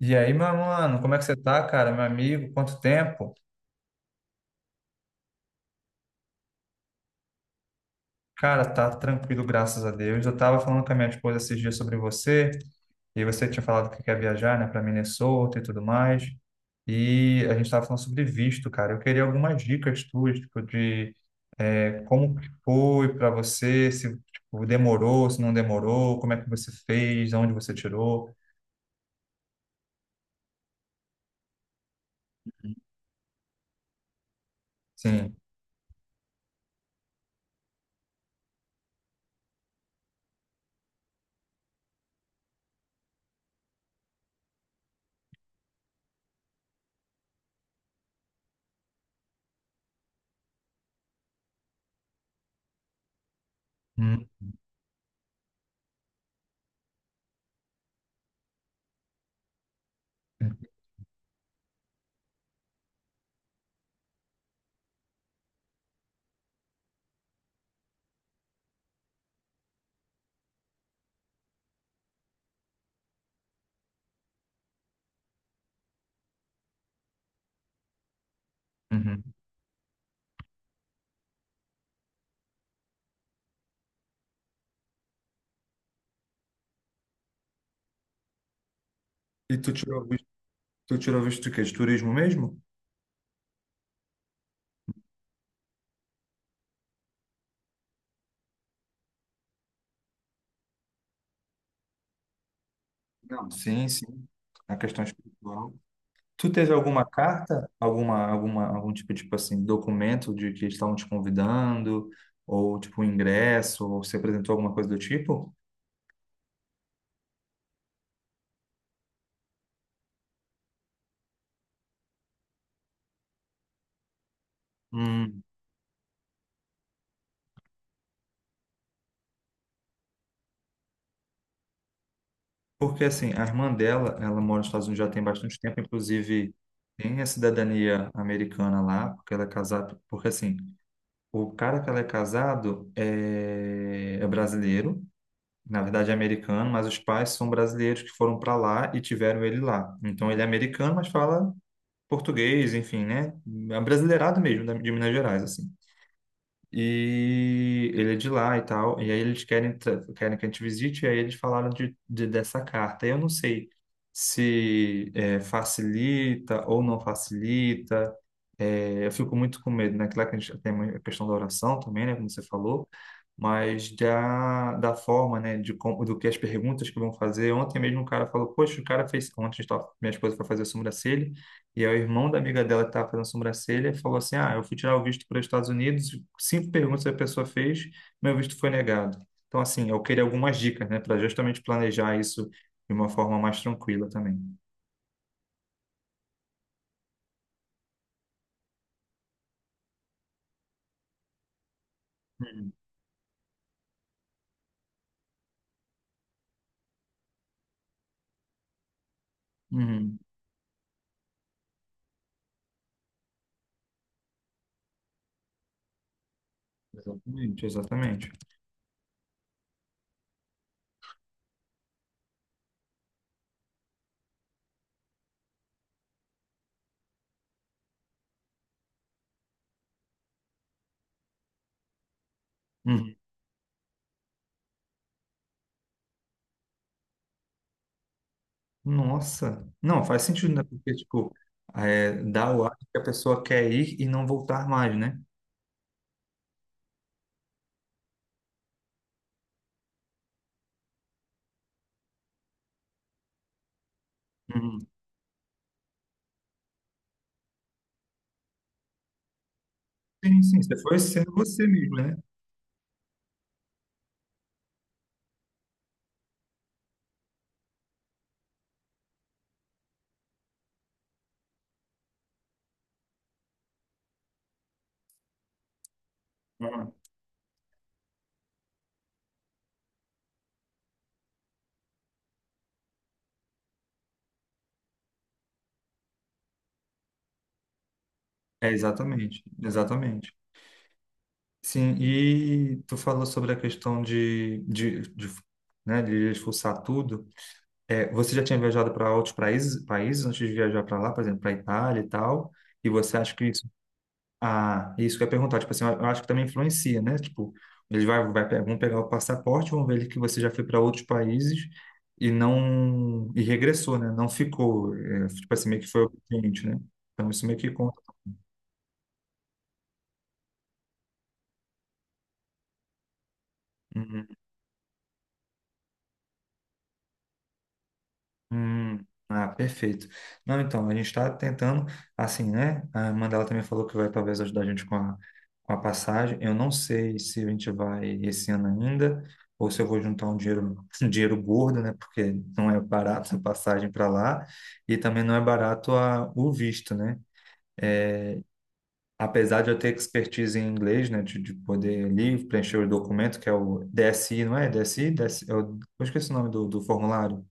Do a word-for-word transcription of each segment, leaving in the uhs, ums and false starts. E aí, meu mano, como é que você tá, cara? Meu amigo, quanto tempo? Cara, tá tranquilo, graças a Deus. Eu tava falando com a minha esposa esses dias sobre você, e você tinha falado que quer viajar, né, pra Minnesota e tudo mais. E a gente tava falando sobre visto, cara. Eu queria algumas dicas tuas, tipo, de é, como que foi pra você, se tipo, demorou, se não demorou, como é que você fez, onde você tirou. Sim. Hum, uhum. E tu tirou, visto- tu tirou visto de quê? De turismo mesmo? Não, sim, sim. A questão espiritual. Tu teve alguma carta, alguma, alguma, algum tipo, tipo assim, documento de que estavam te convidando, ou tipo um ingresso, ou se apresentou alguma coisa do tipo? Hum, porque assim, a irmã dela, ela mora nos Estados Unidos já tem bastante tempo, inclusive tem a cidadania americana lá, porque ela é casada, porque assim, o cara que ela é casado é, é brasileiro. Na verdade é americano, mas os pais são brasileiros que foram para lá e tiveram ele lá. Então ele é americano, mas fala português, enfim, né? É um brasileirado mesmo, da- de Minas Gerais, assim. E ele é de lá e tal, e aí eles querem, tra- querem que a gente visite, e aí eles falaram de, de- dessa carta. Eu não sei se é, facilita ou não facilita. É, eu fico muito com medo, né? Claro que a gente tem a questão da oração também, né? Como você falou, mas da da forma, né, de como, do que as perguntas que vão fazer. Ontem mesmo um cara falou, poxa, o cara fez, ontem a gente tava- minha esposa foi fazer a sobrancelha, e aí o irmão da amiga dela que estava fazendo a sobrancelha falou assim, ah, eu fui tirar o visto para os Estados Unidos, cinco perguntas a pessoa fez, meu visto foi negado. Então, assim, eu queria algumas dicas, né, para justamente planejar isso de uma forma mais tranquila também. Uhum. Uhum. Exatamente, exatamente. Uhum. Nossa, não, faz sentido, né? Porque, tipo, é, dá o ar que a pessoa quer ir e não voltar mais, né? Uhum. Sim, sim, você foi sendo você mesmo, né? Uhum. É, exatamente, exatamente. Sim, e tu falou sobre a questão de, de, de, né, de expulsar tudo. É, você já tinha viajado para outros países, países antes de viajar para lá, por exemplo, para Itália e tal, e você acha que isso. Ah, isso que eu ia perguntar, tipo assim, eu eu acho que também influencia, né? Tipo, eles vai, vai, pe- vão pegar o passaporte, vão ver que você já foi para outros países e não, e regressou, né? Não ficou, é, tipo assim, meio que foi o, né? Então isso meio que conta. Uhum. Hum, ah, perfeito. Não, então, a gente está tentando, assim, né? A Mandela também falou que vai talvez ajudar a gente com a, com a passagem. Eu não sei se a gente vai esse ano ainda, ou se eu vou juntar um dinheiro, um dinheiro gordo, né? Porque não é barato a passagem para lá, e também não é barato a, o visto, né? Apesar de eu ter expertise em inglês, né? De, de poder ali preencher o documento, que é o D S I, não é? D S I? D S I, eu, eu esqueci o nome do, do formulário.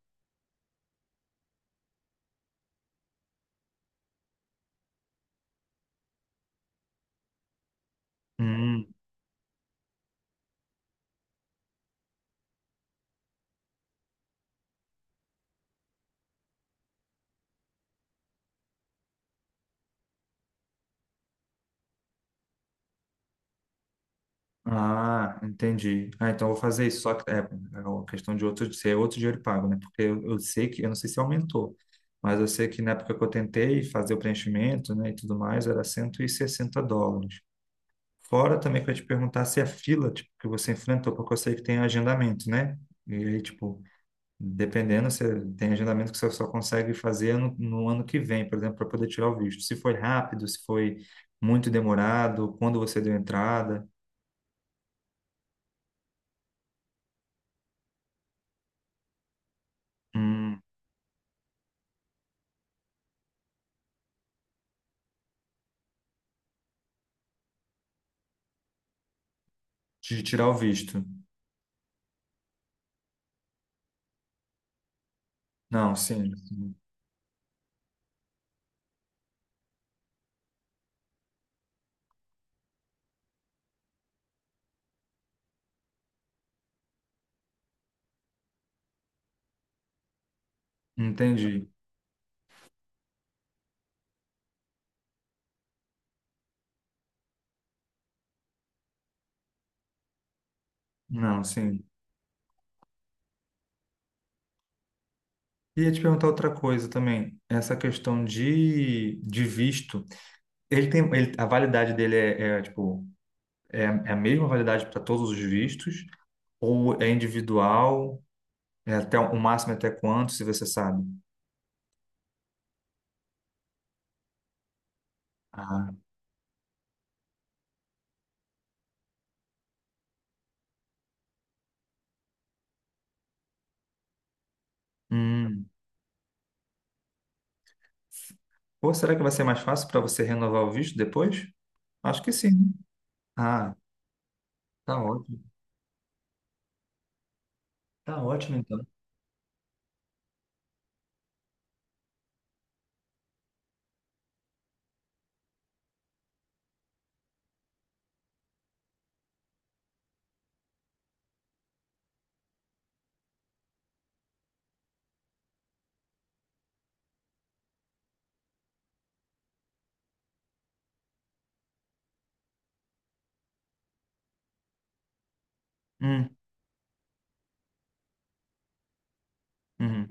Hum. Ah, entendi. Ah, então eu vou fazer isso. Só que é, é uma questão de outro, ser outro dinheiro pago, né? Porque eu, eu sei que, eu não sei se aumentou, mas eu sei que na época que eu tentei fazer o preenchimento, né, e tudo mais, era cento e sessenta dólares. Fora também que eu ia te perguntar se a fila, tipo, que você enfrentou, porque eu sei que tem agendamento, né? E aí, tipo, dependendo, você tem agendamento que você só consegue fazer no, no ano que vem, por exemplo, para poder tirar o visto. Se foi rápido, se foi muito demorado, quando você deu entrada. Hum. De tirar o visto. Não, sim. Sim. Entendi. Não, sim. E ia te perguntar outra coisa também. Essa questão de, de visto. Ele tem, ele- a validade dele é, é, tipo, é, é a mesma validade para todos os vistos? Ou é individual? É até o máximo até quanto, se você sabe? Ah. Hum. Pô, será que vai ser mais fácil para você renovar o visto depois? Acho que sim, né? Ah, tá ótimo. Tá ótimo, então. Hum, uhum.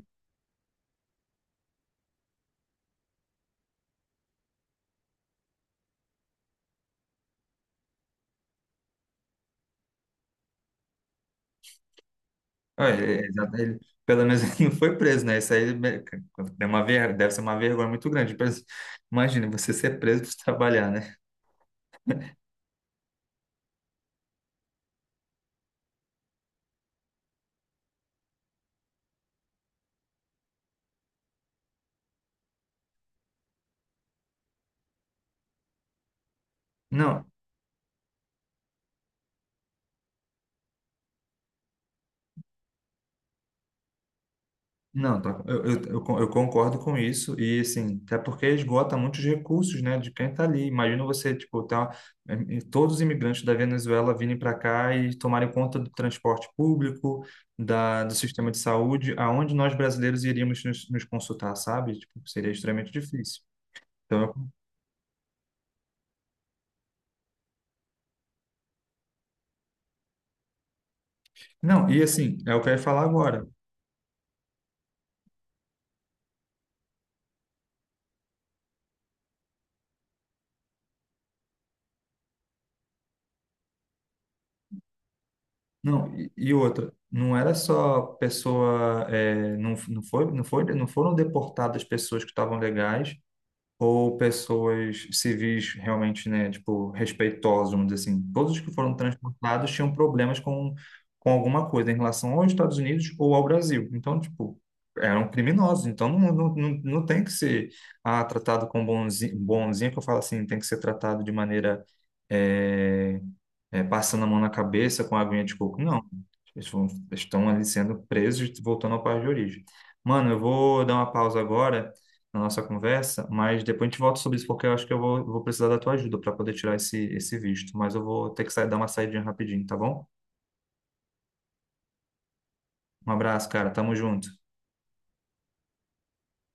Ah, é- é exato, ele- pelo menos ele não foi preso, né? Isso aí, né, é uma ver, deve ser uma vergonha muito grande. pra- Imagina você ser preso por trabalhar, né? Não, não, tá, eu, eu, eu con- eu concordo com isso. E assim, até porque esgota muitos recursos, né? De quem está ali. Imagina você, tipo, tá, eh, todos os imigrantes da Venezuela virem para cá e tomarem conta do transporte público, da, do sistema de saúde, aonde nós brasileiros iríamos nos, nos consultar, sabe? Tipo, seria extremamente difícil. Então eu. Não, e assim, é o que eu ia falar agora. Não, e, e outra, não era só pessoa, é, não, não foi, não foi, não foram deportadas pessoas que estavam legais ou pessoas civis realmente, né, tipo, respeitosas, vamos dizer assim. Todos os que foram transportados tinham problemas com, com alguma coisa em relação aos Estados Unidos ou ao Brasil. Então, tipo, eram criminosos. Então, não, não, não, não tem que ser, ah, tratado com bonzinho, bonzinho, que eu falo assim, tem que ser tratado de maneira é, é, passando a mão na cabeça com a aguinha de coco. Não. Eles vão- estão ali sendo presos e voltando ao país de origem. Mano, eu vou dar uma pausa agora na nossa conversa, mas depois a gente volta sobre isso, porque eu acho que eu vou, vou precisar da tua ajuda para poder tirar esse, esse visto. Mas eu vou ter que sair, dar uma saidinha rapidinho, tá bom? Um abraço, cara. Tamo junto.